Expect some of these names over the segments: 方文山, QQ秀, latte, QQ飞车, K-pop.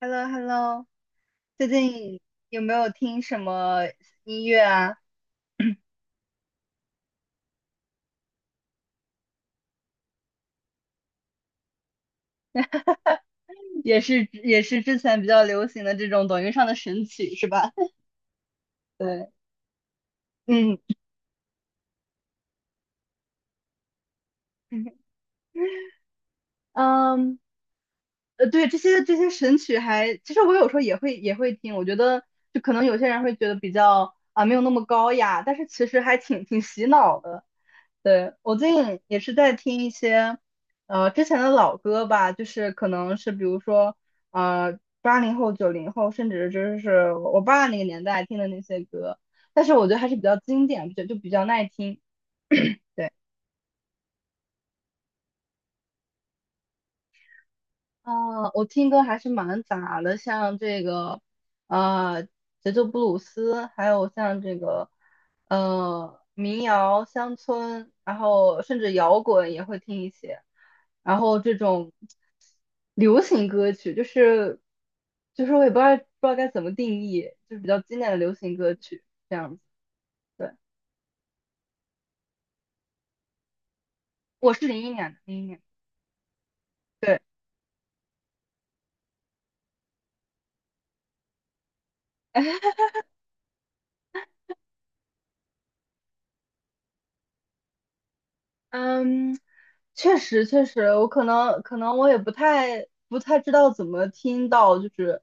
h e l l o h e l l o。 最近有没有听什么音乐啊？也是之前比较流行的这种抖音上的神曲是吧？对。嗯 嗯，对，这些神曲还，其实我有时候也会听，我觉得就可能有些人会觉得比较啊没有那么高雅，但是其实还挺洗脑的。对，我最近也是在听一些之前的老歌吧，就是可能是比如说80后、90后，甚至就是我爸那个年代听的那些歌，但是我觉得还是比较经典，就比较耐听。啊，我听歌还是蛮杂的，像这个，呃节奏布鲁斯，还有像这个，民谣、乡村，然后甚至摇滚也会听一些，然后这种流行歌曲，就是我也不知道该怎么定义，就是比较经典的流行歌曲这样子。对，我是零一年的，零一年，对。嗯，确实确实，我可能我也不太知道怎么听到就是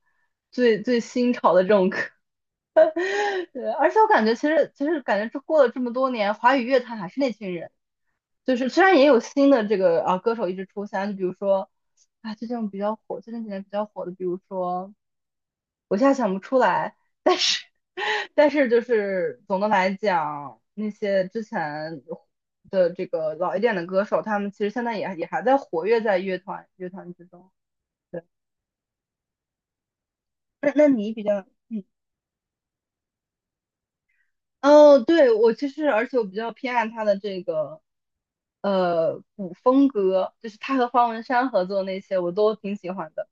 最新潮的这种歌，对，而且我感觉其实感觉这过了这么多年，华语乐坛还是那群人，就是虽然也有新的这个啊歌手一直出现，就比如说啊最近比较火，最近几年比较火的，比如说我现在想不出来，但是就是总的来讲，那些之前的这个老一点的歌手，他们其实现在也也还在活跃在乐团之中。对，那你比较，嗯，哦，对，我其实而且我比较偏爱他的这个古风歌，就是他和方文山合作那些，我都挺喜欢的。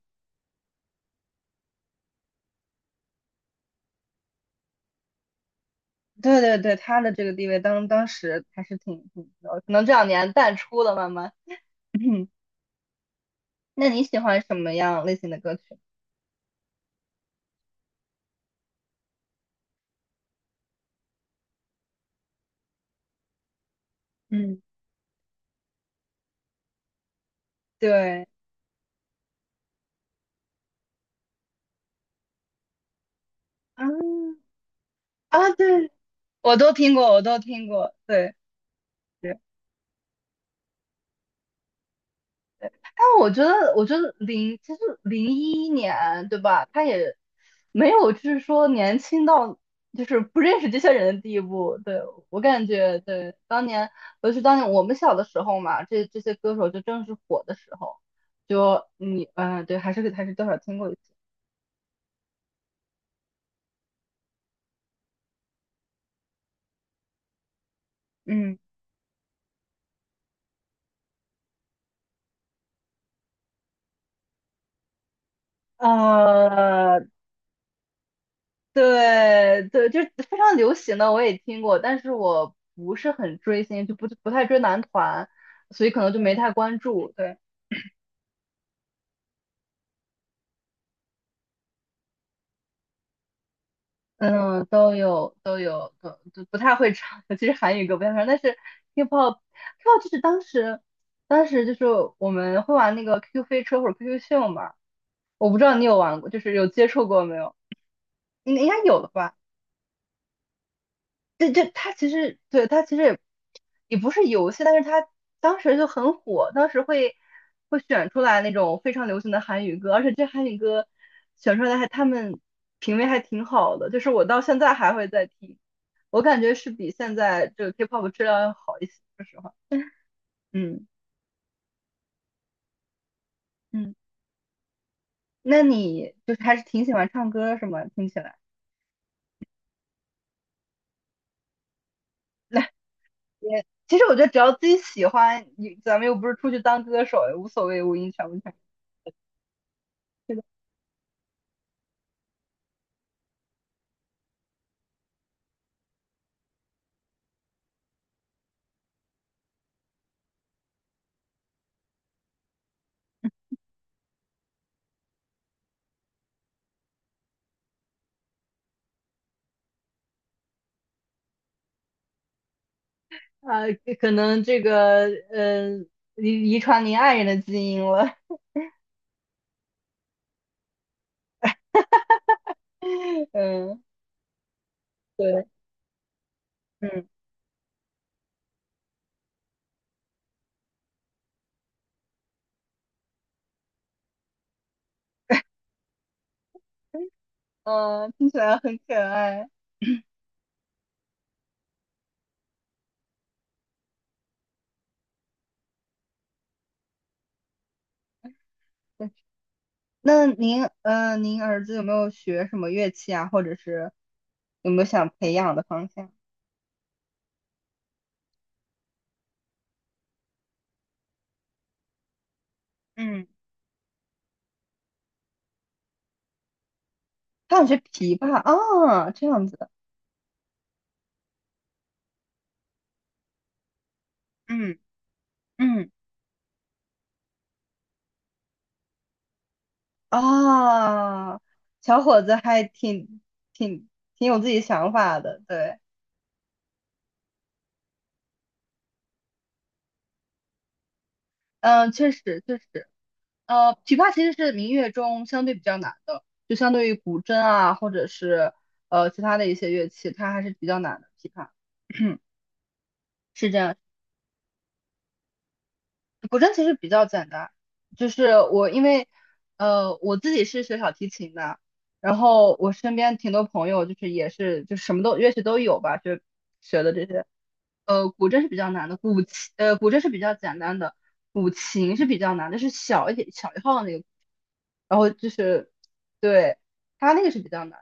对对对，他的这个地位当时还是挺，可能这两年淡出了，慢慢。那你喜欢什么样类型的歌曲？嗯，对。嗯啊，对，我都听过，我都听过，对对，但我觉得，我觉得其实零一年对吧？他也没有就是说年轻到就是不认识这些人的地步。对，我感觉，对，当年尤其当年我们小的时候嘛，这些歌手就正是火的时候，就你对，还是多少听过一次，嗯，呃，对对，就是非常流行的，我也听过，但是我不是很追星，就不太追男团，所以可能就没太关注。对，嗯，都有都有，都不太会唱，其实韩语歌不太会唱，但是 K-pop，K-pop 就是当时就是我们会玩那个 QQ 飞车或者 QQ 秀嘛，我不知道你有玩过，就是有接触过没有？应该有的吧。对，就它其实也不是游戏，但是它当时就很火，当时会选出来那种非常流行的韩语歌，而且这韩语歌选出来还他们品味还挺好的，就是我到现在还会再听，我感觉是比现在这个 K-pop 质量要好一些，说实话，嗯嗯，那你就是还是挺喜欢唱歌是吗？听起来，来也其实我觉得只要自己喜欢，你咱们又不是出去当歌手，也无所谓五音全不全。呃，可能这个嗯，遗传您爱人的基因了，嗯，对，嗯嗯，听起来很可爱。那您儿子有没有学什么乐器啊，或者是有没有想培养的方向？嗯，他想学琵琶啊，这样子，嗯嗯啊，小伙子还挺挺有自己想法的，对，嗯，确实确实。琵琶其实是民乐中相对比较难的，就相对于古筝啊，或者是其他的一些乐器，它还是比较难的。琵琶 是这样。古筝其实比较简单，就是我因为我自己是学小提琴的，然后我身边挺多朋友就是也是就什么都乐器都有吧，就学的这些。古筝是比较难的，古筝是比较简单的，古琴是比较难的，是小一点小一号的那个，然后就是对它那个是比较难。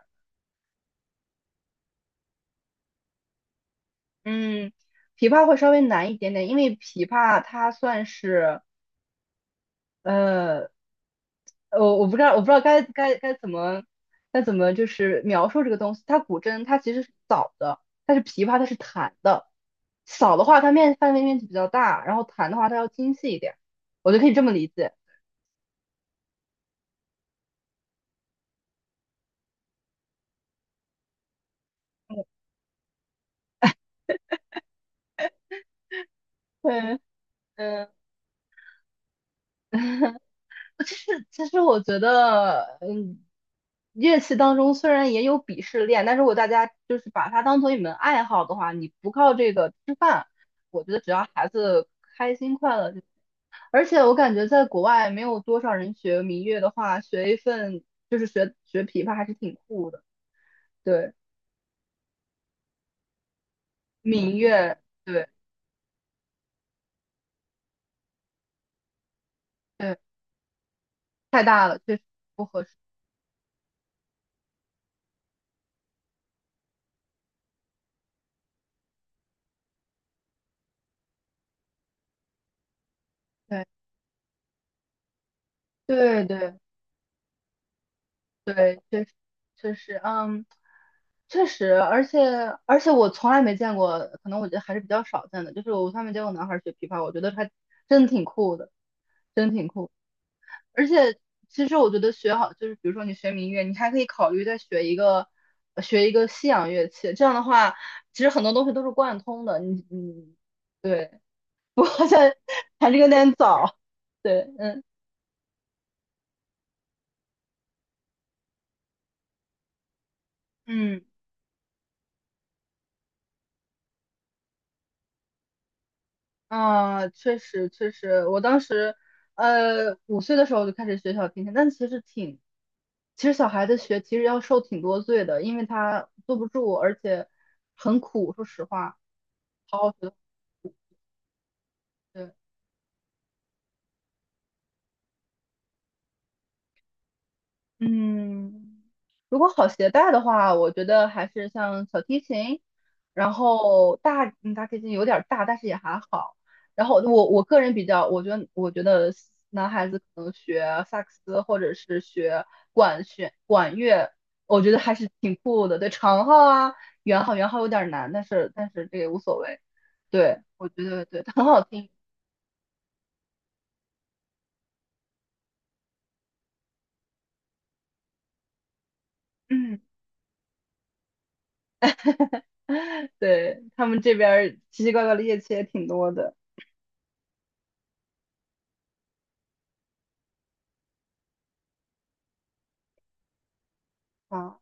嗯，琵琶会稍微难一点点，因为琵琶它算是。呃。我不知道该怎么就是描述这个东西。古筝它其实是扫的，琵琶它是弹的。扫的话，它面范围面积比较大，然后弹的话，它要精细一点。我就可以这么理解。对 嗯，其实我觉得，嗯，乐器当中虽然也有鄙视链，但是如果大家就是把它当做一门爱好的话，你不靠这个吃饭，我觉得只要孩子开心快乐就。而且我感觉在国外没有多少人学民乐的话，学一份就是学琵琶还是挺酷的。对，民乐，对对，太大了，确实不合适。对对对对，确实确实，嗯，确实，而且我从来没见过，可能我觉得还是比较少见的，就是我从来没见过男孩儿学琵琶，我觉得还真的挺酷的，真挺酷。而且其实我觉得学好，就是比如说你学民乐，你还可以考虑再学一个西洋乐器。这样的话，其实很多东西都是贯通的。对，不过现在还是有点早。对，嗯嗯啊，确实确实，我当时5岁的时候就开始学小提琴，但其实挺。其实小孩子学其实要受挺多罪的，因为他坐不住，而且很苦。说实话，好好学，对，嗯，如果好携带的话，我觉得还是像小提琴，然后大提琴有点儿大，但是也还好。然后我个人比较，我觉得男孩子可能学萨克斯或者是学管弦管乐，我觉得还是挺酷的。对，长号啊，圆号，圆号有点儿难，但是这也无所谓。对，我觉得对，很好听。嗯，对，他们这边儿奇奇怪怪的乐器也挺多的。啊。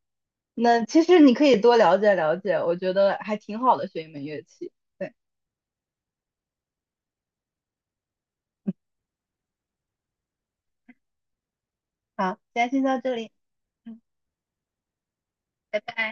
那其实你可以多了解了解，我觉得还挺好的，学一门乐器。对，好，今天先到这里，嗯，拜拜。